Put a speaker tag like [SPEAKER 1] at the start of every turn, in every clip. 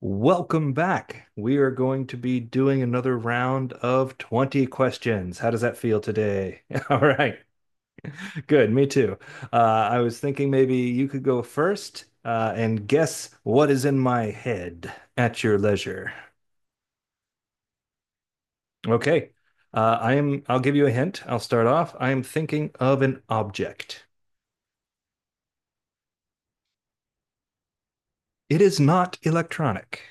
[SPEAKER 1] Welcome back. We are going to be doing another round of 20 questions. How does that feel today? All right, good. Me too. Uh, I was thinking maybe you could go first and guess what is in my head at your leisure. Okay. I'll give you a hint. I'll start off. I am thinking of an object. It is not electronic.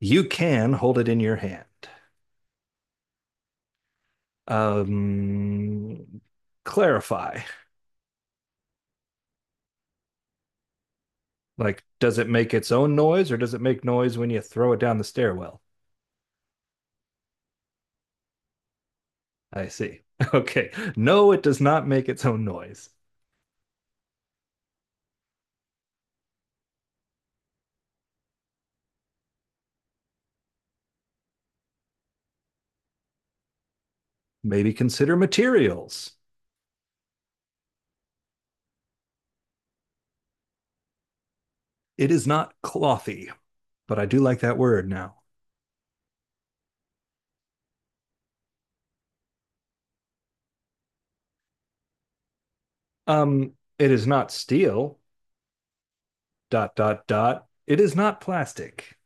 [SPEAKER 1] You can hold it in your hand. Um, Clarify. Like, does it make its own noise or does it make noise when you throw it down the stairwell? I see. Okay. No, it does not make its own noise. Maybe consider materials. It is not clothy, but I do like that word now. Um, it is not steel, dot, dot, dot. It is not plastic.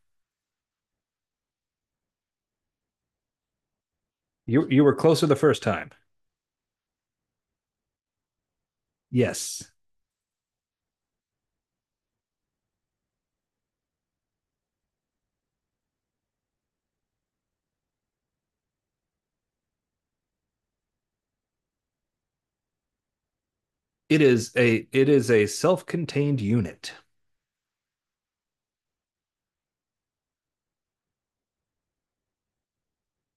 [SPEAKER 1] You were closer the first time. Yes. It is a self-contained unit.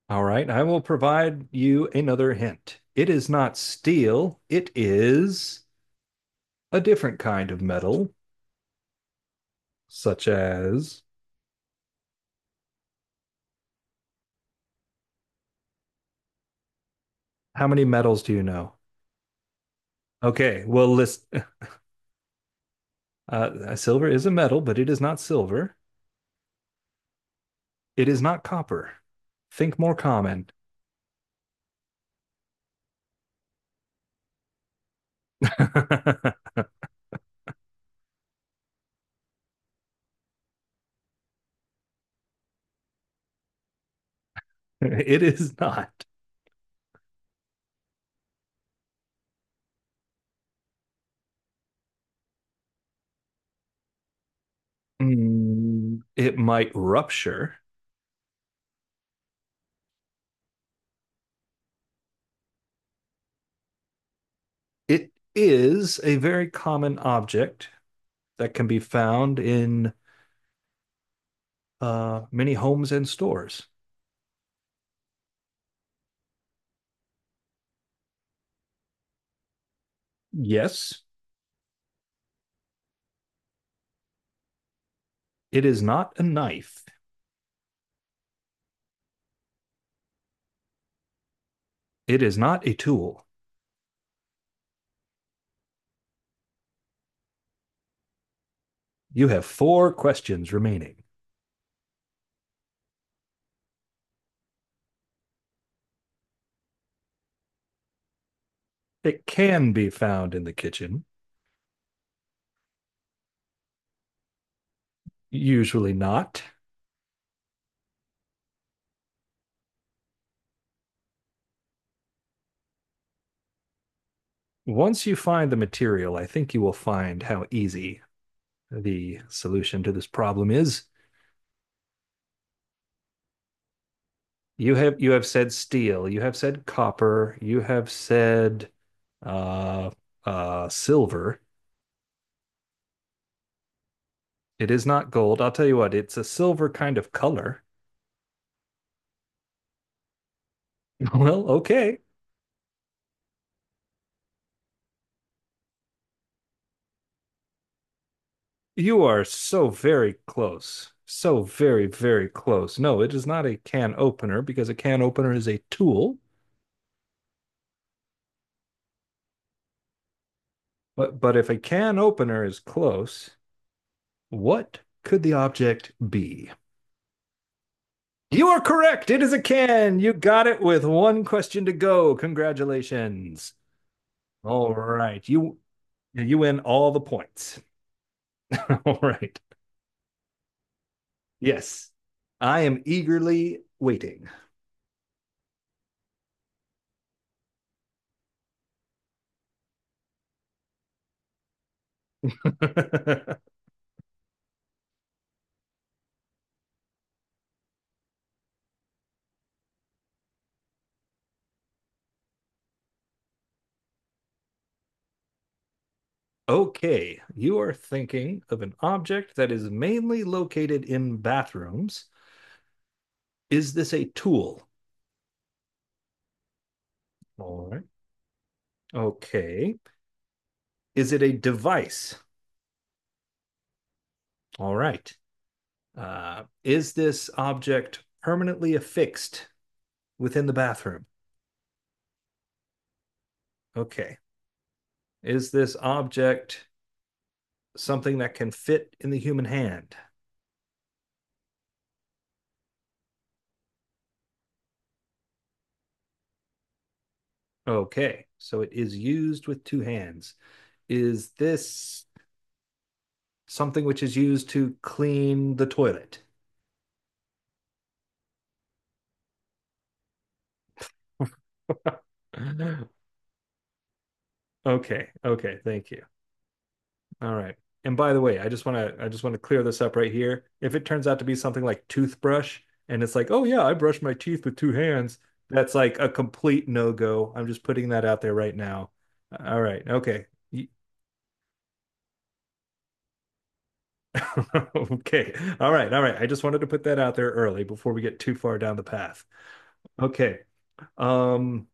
[SPEAKER 1] All right, I will provide you another hint. It is not steel, it is a different kind of metal, such as how many metals do you know? Okay, well, list silver is a metal, but it is not silver. It is not copper. Think more common. It is not. It might rupture. It is a very common object that can be found in many homes and stores. Yes, it is not a knife. It is not a tool. You have four questions remaining. It can be found in the kitchen, usually not. Once you find the material, I think you will find how easy the solution to this problem is. You have said steel, you have said copper, you have said uh silver. It is not gold. I'll tell you what, it's a silver kind of color. Well, okay. You are so very close. So very, very close. No, it is not a can opener because a can opener is a tool. But if a can opener is close, what could the object be? You are correct. It is a can. You got it with one question to go. Congratulations. All right. You win all the points. All right. Yes. I am eagerly waiting. Okay. You are thinking of an object that is mainly located in bathrooms. Is this a tool? All right. Okay. Is it a device? All right. Is this object permanently affixed within the bathroom? Okay. Is this object something that can fit in the human hand? Okay. So it is used with two hands. Is this something which is used to clean the toilet? Okay. Okay. Thank you. All right. And by the way, I just want to clear this up right here. If it turns out to be something like toothbrush and it's like, "Oh yeah, I brush my teeth with two hands." That's like a complete no-go. I'm just putting that out there right now. All right. Okay. Okay. All right. All right. I just wanted to put that out there early before we get too far down the path. Okay. Um,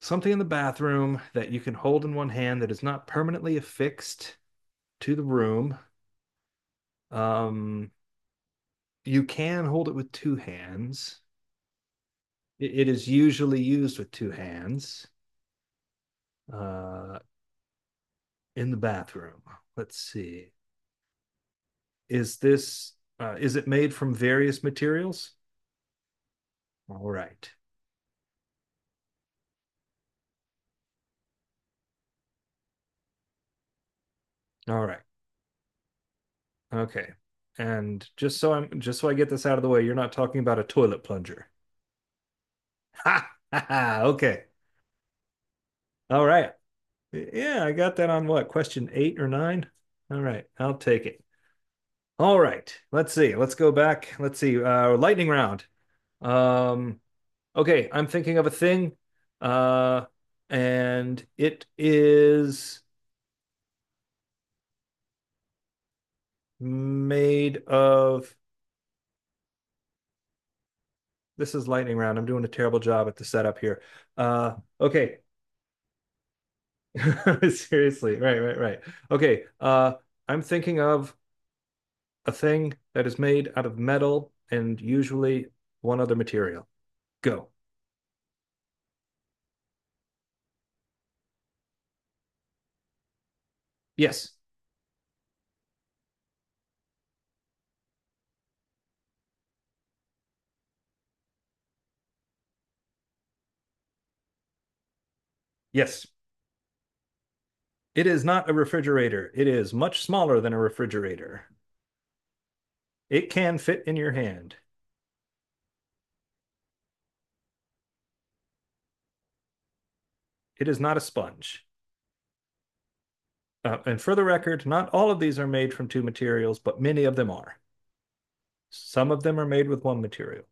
[SPEAKER 1] something in the bathroom that you can hold in one hand that is not permanently affixed to the room. Um, you can hold it with two hands. It is usually used with two hands uh, in the bathroom. Let's see. Is this is it made from various materials? All right. All right. Okay. And just so I get this out of the way, you're not talking about a toilet plunger. Ha! Ha! Ha. Okay. All right. Yeah, I got that on what? Question 8 or 9? All right. I'll take it. All right. Let's see. Let's go back. Let's see. Lightning round. Um Okay, I'm thinking of a thing, uh, and it is made of. This is lightning round. I'm doing a terrible job at the setup here. Okay, seriously, right, right, right. Okay, I'm thinking of a thing that is made out of metal and usually one other material. Go. Yes, yes. It is not a refrigerator. It is much smaller than a refrigerator. It can fit in your hand. It is not a sponge. And for the record, not all of these are made from two materials, but many of them are. Some of them are made with one material.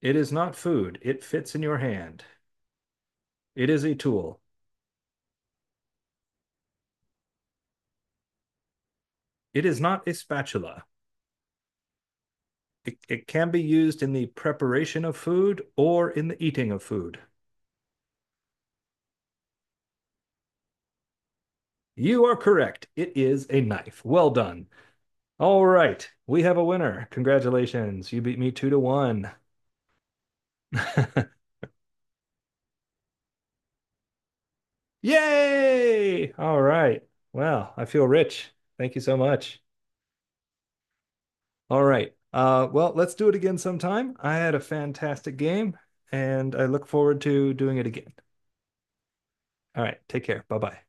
[SPEAKER 1] It is not food. It fits in your hand. It is a tool. It is not a spatula. It can be used in the preparation of food or in the eating of food. You are correct. It is a knife. Well done. All right. We have a winner. Congratulations. You beat me 2-1. Yay! All right. Well, I feel rich. Thank you so much. All right. Well, let's do it again sometime. I had a fantastic game, and I look forward to doing it again. All right. Take care. Bye bye.